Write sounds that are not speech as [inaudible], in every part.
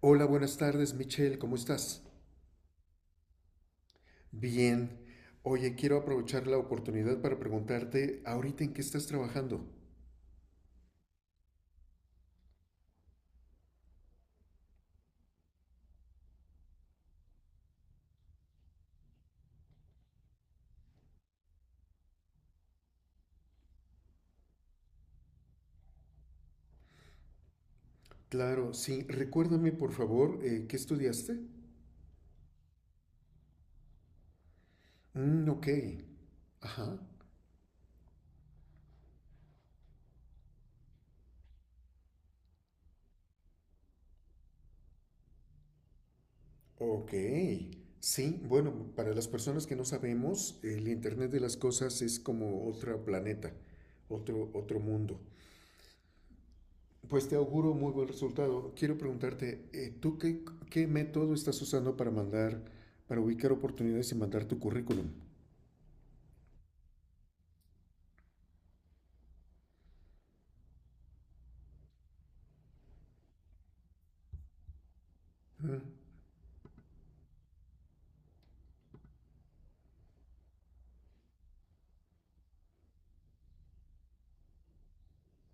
Hola, buenas tardes, Michelle, ¿cómo estás? Bien. Oye, quiero aprovechar la oportunidad para preguntarte, ¿ahorita en qué estás trabajando? Claro, sí. Recuérdame, por favor, ¿qué estudiaste? Mm, ok. Ajá. Ok. Sí, bueno, para las personas que no sabemos, el Internet de las Cosas es como otro planeta, otro mundo. Pues te auguro muy buen resultado. Quiero preguntarte, ¿tú qué método estás usando para mandar, para ubicar oportunidades y mandar tu currículum? Mm,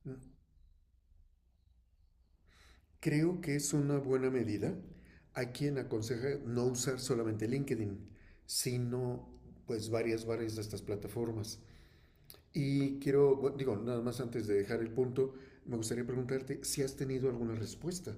mm. Creo que es una buena medida. Hay quien aconseja no usar solamente LinkedIn, sino pues varias de estas plataformas. Y quiero, bueno, digo, nada más antes de dejar el punto, me gustaría preguntarte si has tenido alguna respuesta.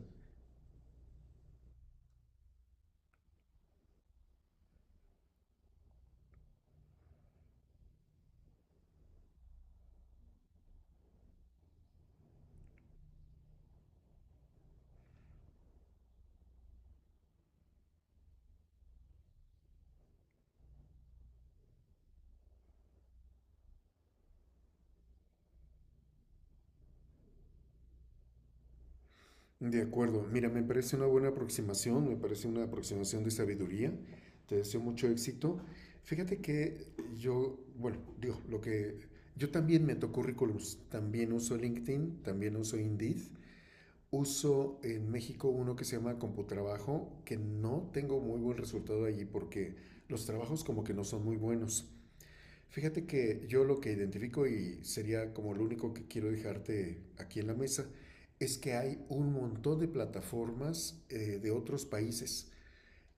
De acuerdo, mira, me parece una buena aproximación, me parece una aproximación de sabiduría, te deseo mucho éxito. Fíjate que yo, bueno, digo, lo que yo también meto currículums, también uso LinkedIn, también uso Indeed, uso en México uno que se llama Computrabajo, que no tengo muy buen resultado allí porque los trabajos como que no son muy buenos. Fíjate que yo lo que identifico y sería como lo único que quiero dejarte aquí en la mesa es que hay un montón de plataformas de otros países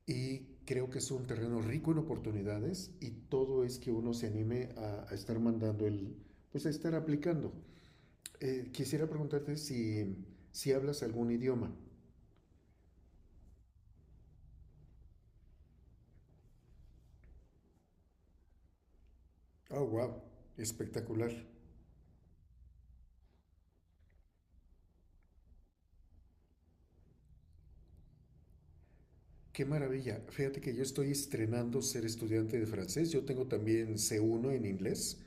y creo que es un terreno rico en oportunidades y todo es que uno se anime a estar mandando el, pues a estar aplicando. Quisiera preguntarte si, si hablas algún idioma. Oh, wow, espectacular. Qué maravilla. Fíjate que yo estoy estrenando ser estudiante de francés. Yo tengo también C1 en inglés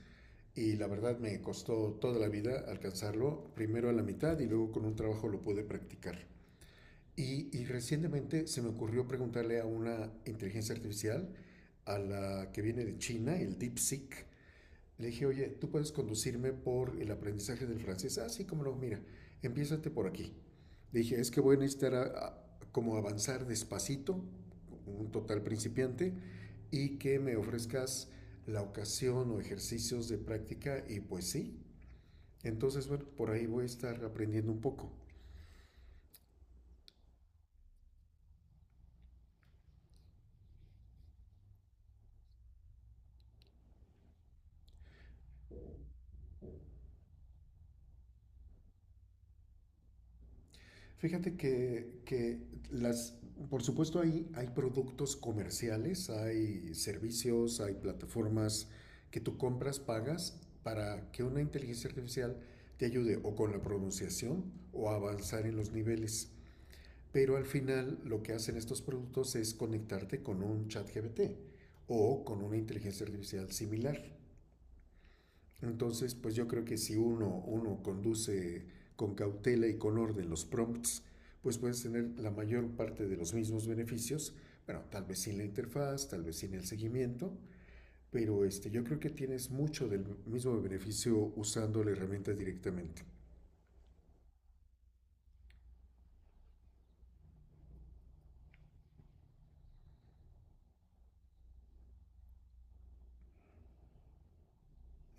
y la verdad me costó toda la vida alcanzarlo, primero a la mitad y luego con un trabajo lo pude practicar. Y recientemente se me ocurrió preguntarle a una inteligencia artificial, a la que viene de China, el DeepSeek, le dije, oye, ¿tú puedes conducirme por el aprendizaje del francés? Ah, sí, cómo no, mira, empiézate por aquí. Le dije, es que voy a necesitar como avanzar despacito, un total principiante, y que me ofrezcas la ocasión o ejercicios de práctica, y pues sí. Entonces, bueno, por ahí voy a estar aprendiendo un poco. Fíjate que las, por supuesto hay productos comerciales, hay servicios, hay plataformas que tú compras, pagas para que una inteligencia artificial te ayude o con la pronunciación o a avanzar en los niveles. Pero al final lo que hacen estos productos es conectarte con un chat GPT o con una inteligencia artificial similar. Entonces, pues yo creo que si uno conduce con cautela y con orden los prompts, pues puedes tener la mayor parte de los mismos beneficios, bueno, tal vez sin la interfaz, tal vez sin el seguimiento, pero este, yo creo que tienes mucho del mismo beneficio usando la herramienta directamente.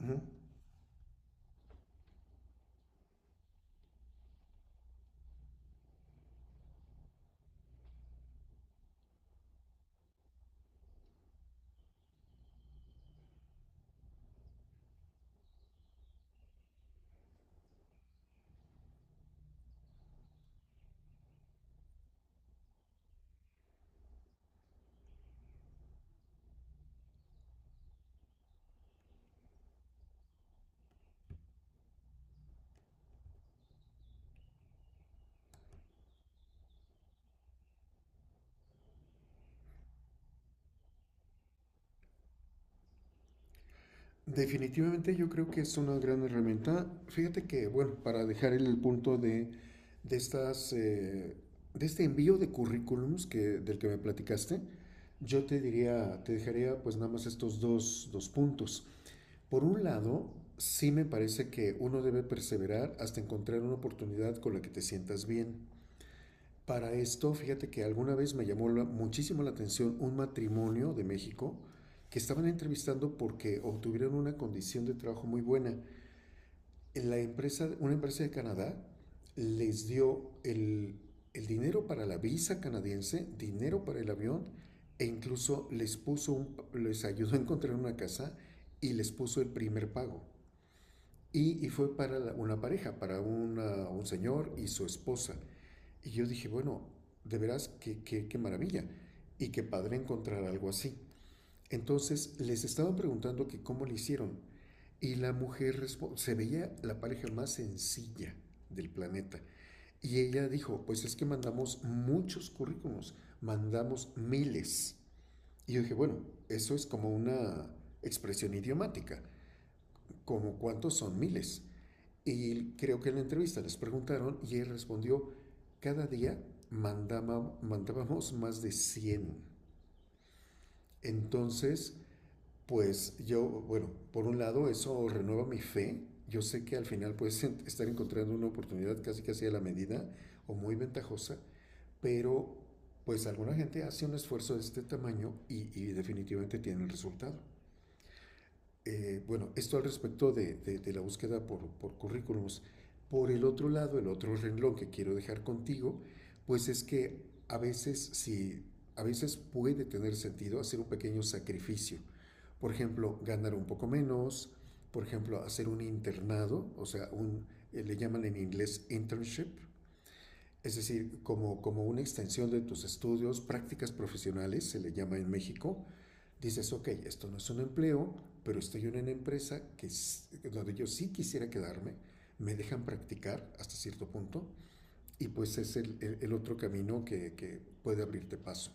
Ujú. Definitivamente yo creo que es una gran herramienta. Fíjate que, bueno, para dejar el punto de estas, de este envío de currículums que, del que me platicaste, yo te diría, te dejaría pues nada más estos dos puntos. Por un lado, sí me parece que uno debe perseverar hasta encontrar una oportunidad con la que te sientas bien. Para esto, fíjate que alguna vez me llamó muchísimo la atención un matrimonio de México que estaban entrevistando porque obtuvieron una condición de trabajo muy buena. La empresa, una empresa de Canadá les dio el dinero para la visa canadiense, dinero para el avión e incluso les puso les ayudó a encontrar una casa y les puso el primer pago. Y fue para una pareja, para un señor y su esposa. Y yo dije, bueno, de veras, qué maravilla. Y qué padre encontrar algo así. Entonces les estaba preguntando que cómo le hicieron. Y la mujer se veía la pareja más sencilla del planeta. Y ella dijo, pues es que mandamos muchos currículums, mandamos miles. Y yo dije, bueno, eso es como una expresión idiomática, como cuántos son miles. Y creo que en la entrevista les preguntaron y él respondió, cada día mandábamos más de 100. Entonces, pues yo, bueno, por un lado eso renueva mi fe. Yo sé que al final puedes [laughs] estar encontrando una oportunidad casi casi a la medida o muy ventajosa, pero pues alguna gente hace un esfuerzo de este tamaño y definitivamente tiene el resultado. Bueno, esto al respecto de, de la búsqueda por currículums. Por el otro lado, el otro renglón que quiero dejar contigo, pues es que a veces si a veces puede tener sentido hacer un pequeño sacrificio. Por ejemplo, ganar un poco menos, por ejemplo, hacer un internado, o sea, un, le llaman en inglés internship, es decir, como una extensión de tus estudios, prácticas profesionales, se le llama en México, dices, ok, esto no es un empleo, pero estoy en una empresa que donde yo sí quisiera quedarme, me dejan practicar hasta cierto punto, y pues es el, el otro camino que puede abrirte paso.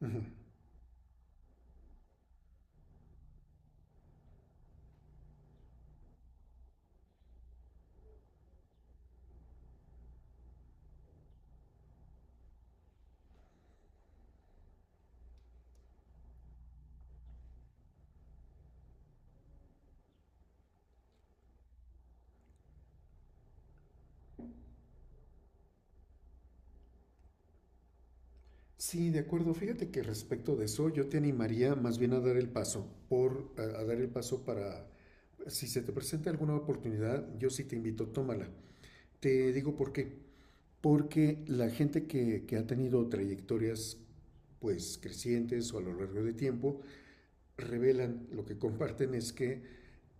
Ujú. Sí, de acuerdo. Fíjate que respecto de eso, yo te animaría más bien a dar el paso, a dar el paso para, si se te presenta alguna oportunidad, yo sí te invito, tómala. Te digo por qué. Porque la gente que ha tenido trayectorias pues crecientes o a lo largo de tiempo, revelan, lo que comparten es que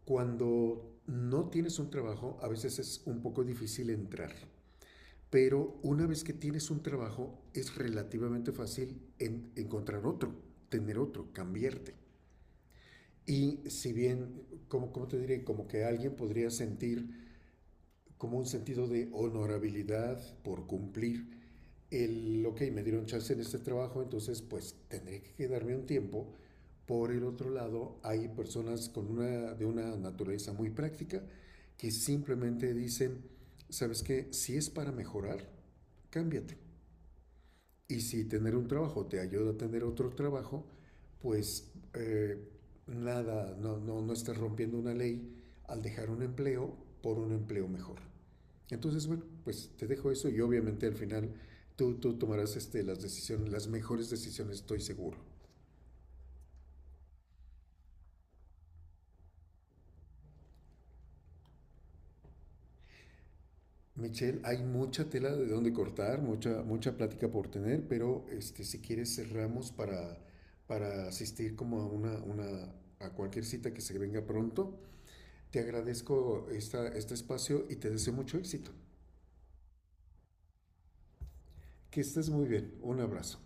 cuando no tienes un trabajo, a veces es un poco difícil entrar. Pero una vez que tienes un trabajo, es relativamente fácil encontrar otro, tener otro, cambiarte. Y si bien, como te diré? Como que alguien podría sentir como un sentido de honorabilidad por cumplir, el, ok, me dieron chance en este trabajo, entonces pues tendré que quedarme un tiempo. Por el otro lado, hay personas con una, de una naturaleza muy práctica que simplemente dicen, ¿sabes qué? Si es para mejorar, cámbiate. Y si tener un trabajo te ayuda a tener otro trabajo, pues nada, no, no, no estás rompiendo una ley al dejar un empleo por un empleo mejor. Entonces, bueno, pues te dejo eso y obviamente al final tú tomarás este, las decisiones, las mejores decisiones, estoy seguro. Michelle, hay mucha tela de donde cortar, mucha plática por tener, pero este, si quieres cerramos para, asistir como a a cualquier cita que se venga pronto. Te agradezco esta, este espacio y te deseo mucho éxito. Que estés muy bien. Un abrazo.